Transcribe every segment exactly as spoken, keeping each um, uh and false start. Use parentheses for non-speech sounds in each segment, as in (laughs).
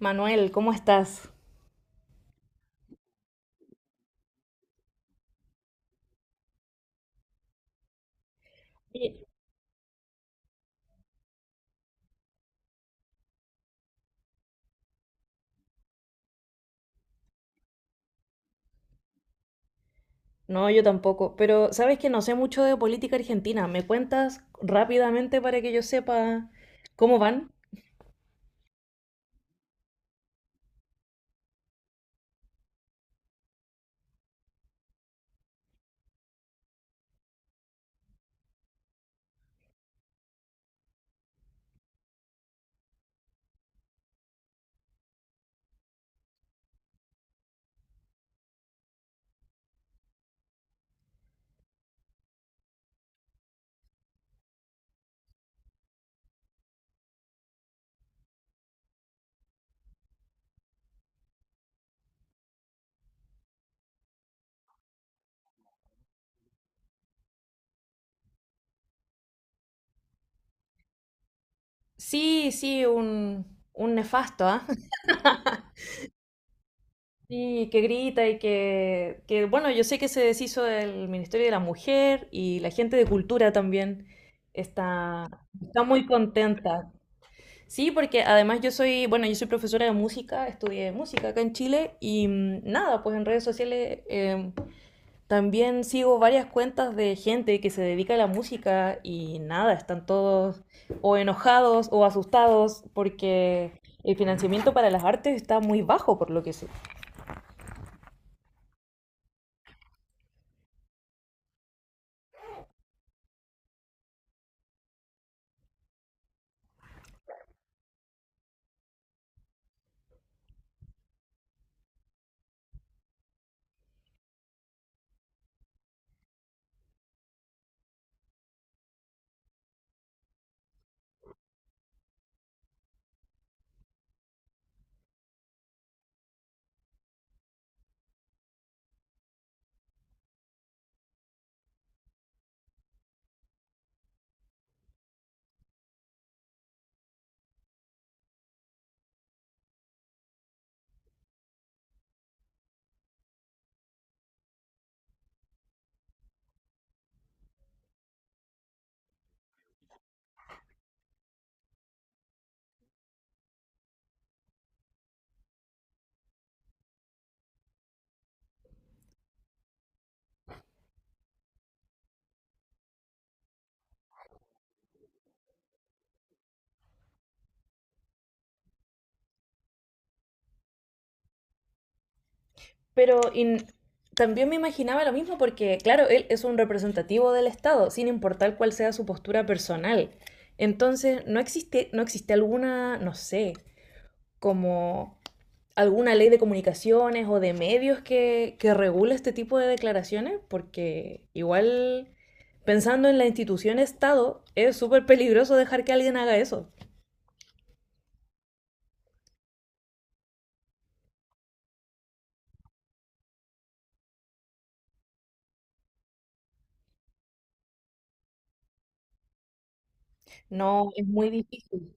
Manuel, ¿cómo estás? Bien. No, yo tampoco, pero sabes que no sé mucho de política argentina. ¿Me cuentas rápidamente para que yo sepa cómo van? Sí, sí, un, un nefasto, ¿ah? (laughs) Sí, que grita y que, que, bueno, yo sé que se deshizo del Ministerio de la Mujer y la gente de cultura también está, está muy contenta. Sí, porque además yo soy, bueno, yo soy profesora de música, estudié música acá en Chile y mm, nada, pues en redes sociales eh, también sigo varias cuentas de gente que se dedica a la música y nada, están todos o enojados o asustados porque el financiamiento para las artes está muy bajo, por lo que sé. Pero in- También me imaginaba lo mismo porque, claro, él es un representativo del Estado, sin importar cuál sea su postura personal. Entonces, no existe, no existe alguna, no sé, como alguna ley de comunicaciones o de medios que, que regule este tipo de declaraciones, porque igual pensando en la institución Estado, es súper peligroso dejar que alguien haga eso. No, es muy difícil.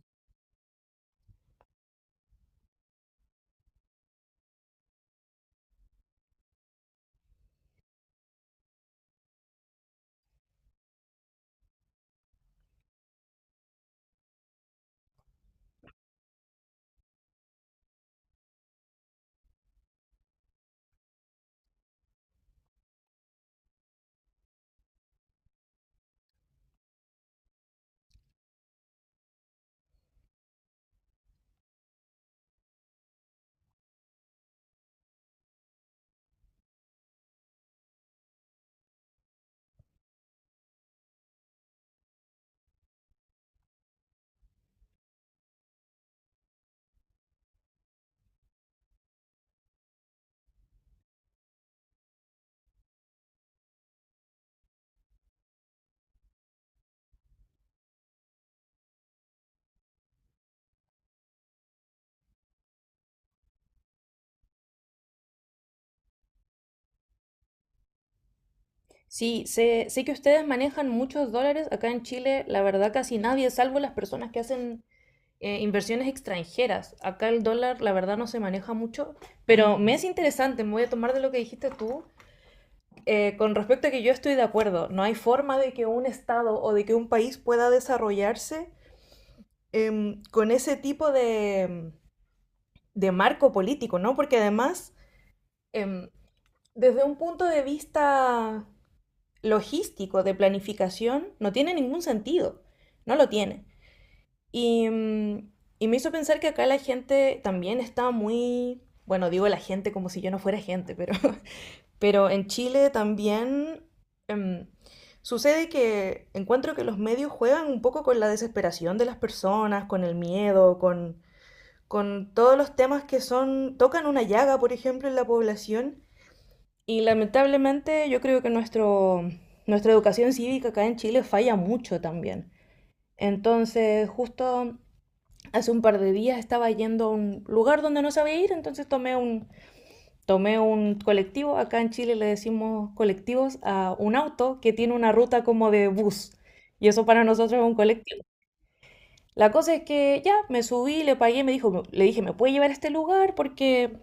Sí, sé, sé que ustedes manejan muchos dólares. Acá en Chile, la verdad, casi nadie, salvo las personas que hacen eh, inversiones extranjeras. Acá el dólar, la verdad, no se maneja mucho. Pero me es interesante, me voy a tomar de lo que dijiste tú, Eh, con respecto a que yo estoy de acuerdo, no hay forma de que un Estado o de que un país pueda desarrollarse eh, con ese tipo de, de, marco político, ¿no? Porque además, eh, desde un punto de vista logístico, de planificación, no tiene ningún sentido, no lo tiene. Y, em, y me hizo pensar que acá la gente también está muy, bueno, digo la gente como si yo no fuera gente, pero Pero en Chile también em, sucede que encuentro que los medios juegan un poco con la desesperación de las personas, con el miedo, con, con todos los temas que son, tocan una llaga, por ejemplo, en la población. Y lamentablemente yo creo que nuestro, nuestra educación cívica acá en Chile falla mucho también. Entonces, justo hace un par de días estaba yendo a un lugar donde no sabía ir, entonces tomé un, Tomé un colectivo. Acá en Chile le decimos colectivos a un auto que tiene una ruta como de bus. Y eso para nosotros es un colectivo. La cosa es que ya me subí, le pagué, me dijo, le dije, ¿me puede llevar a este lugar? Porque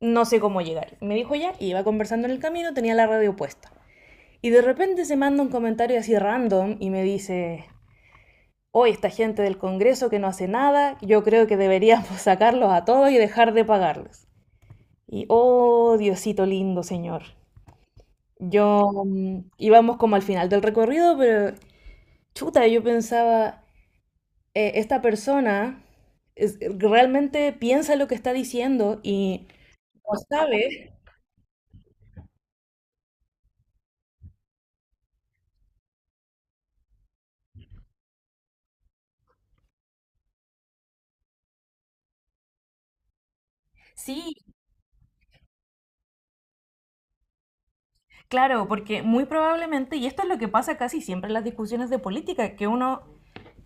no sé cómo llegar. Me dijo ya, y iba conversando en el camino, tenía la radio puesta. Y de repente se manda un comentario así random y me dice, hoy esta gente del Congreso que no hace nada, yo creo que deberíamos (laughs) sacarlos a todos y dejar de pagarles. Y oh, Diosito lindo, Señor. Yo mm, íbamos como al final del recorrido, pero chuta, yo pensaba, eh, esta persona es- realmente piensa lo que está diciendo y no sabe. Sí, claro, porque muy probablemente, y esto es lo que pasa casi siempre en las discusiones de política, que uno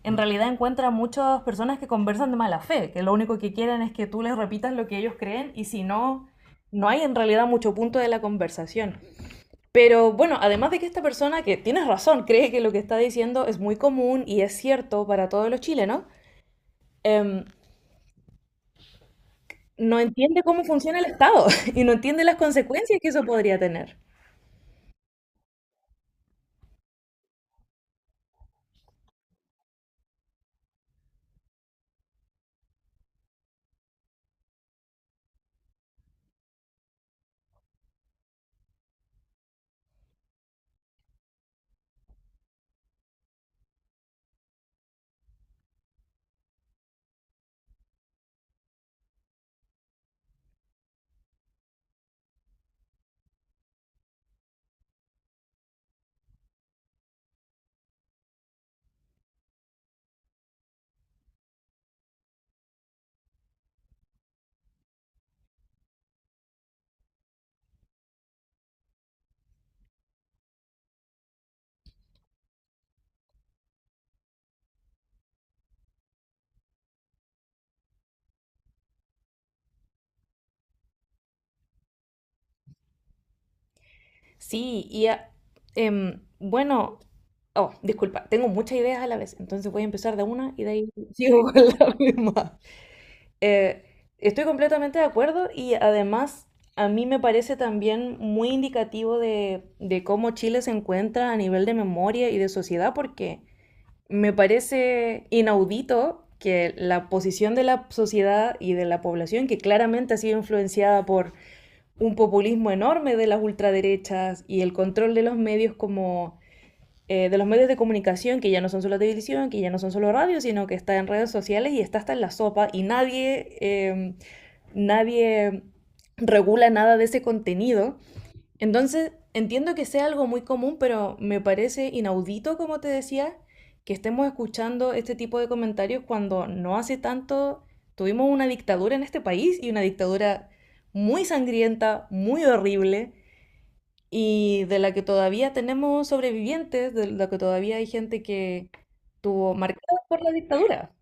en realidad encuentra muchas personas que conversan de mala fe, que lo único que quieren es que tú les repitas lo que ellos creen y si no, no hay en realidad mucho punto de la conversación. Pero bueno, además de que esta persona, que tienes razón, cree que lo que está diciendo es muy común y es cierto para todos los chilenos, em, no entiende cómo funciona el Estado (laughs) y no entiende las consecuencias que eso podría tener. Sí, y a- em, bueno, oh, disculpa, tengo muchas ideas a la vez, entonces voy a empezar de una y de ahí sigo (laughs) con la misma. Eh, Estoy completamente de acuerdo y además a mí me parece también muy indicativo de, de cómo Chile se encuentra a nivel de memoria y de sociedad porque me parece inaudito que la posición de la sociedad y de la población, que claramente ha sido influenciada por un populismo enorme de las ultraderechas y el control de los medios como eh, de los medios de comunicación, que ya no son solo televisión, que ya no son solo radio, sino que está en redes sociales y está hasta en la sopa y nadie eh, nadie regula nada de ese contenido. Entonces, entiendo que sea algo muy común, pero me parece inaudito, como te decía, que estemos escuchando este tipo de comentarios cuando no hace tanto tuvimos una dictadura en este país y una dictadura muy sangrienta, muy horrible, y de la que todavía tenemos sobrevivientes, de la que todavía hay gente que tuvo marcada por la dictadura.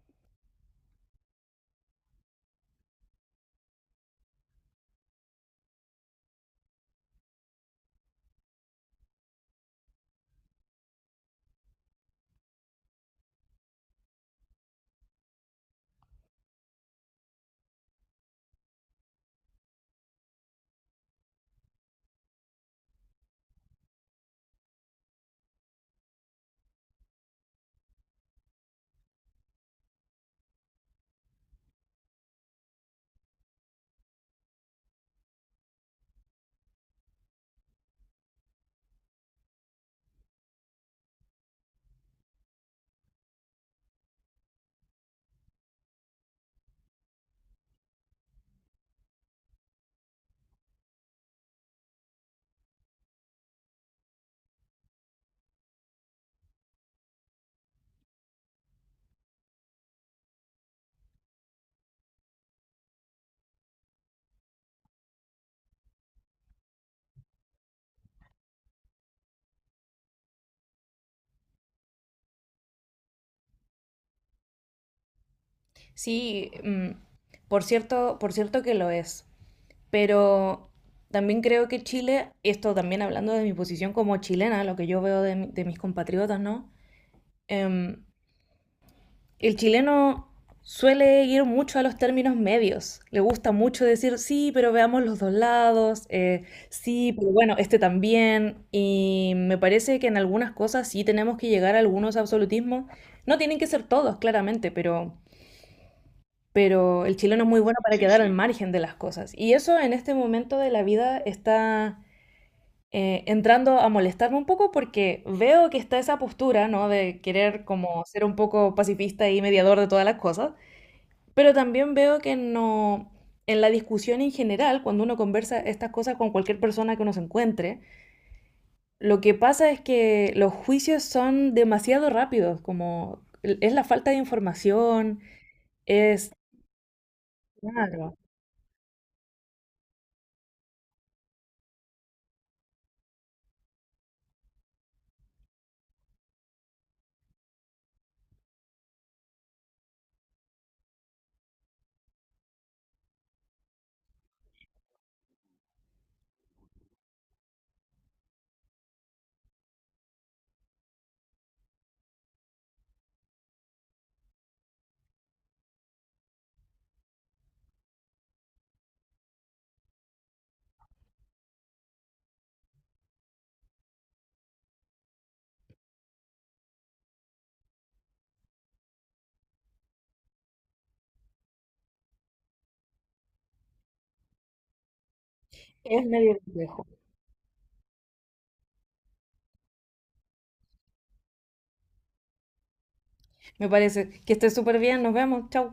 Sí, mm, por cierto, por cierto que lo es. Pero también creo que Chile, esto también hablando de mi posición como chilena, lo que yo veo de, mi- de mis compatriotas, ¿no? Em, el chileno suele ir mucho a los términos medios. Le gusta mucho decir, sí, pero veamos los dos lados, eh, sí, pero bueno, este también. Y me parece que en algunas cosas sí tenemos que llegar a algunos absolutismos. No tienen que ser todos, claramente, pero, pero el chileno es muy bueno para, sí, quedar al, sí, margen de las cosas. Y eso en este momento de la vida está eh, entrando a molestarme un poco porque veo que está esa postura, ¿no? De querer como ser un poco pacifista y mediador de todas las cosas, pero también veo que no, en la discusión en general, cuando uno conversa estas cosas con cualquier persona que uno se encuentre, lo que pasa es que los juicios son demasiado rápidos, como es la falta de información, es. Claro, es medio complejo. Me parece que esté súper bien, nos vemos, chau.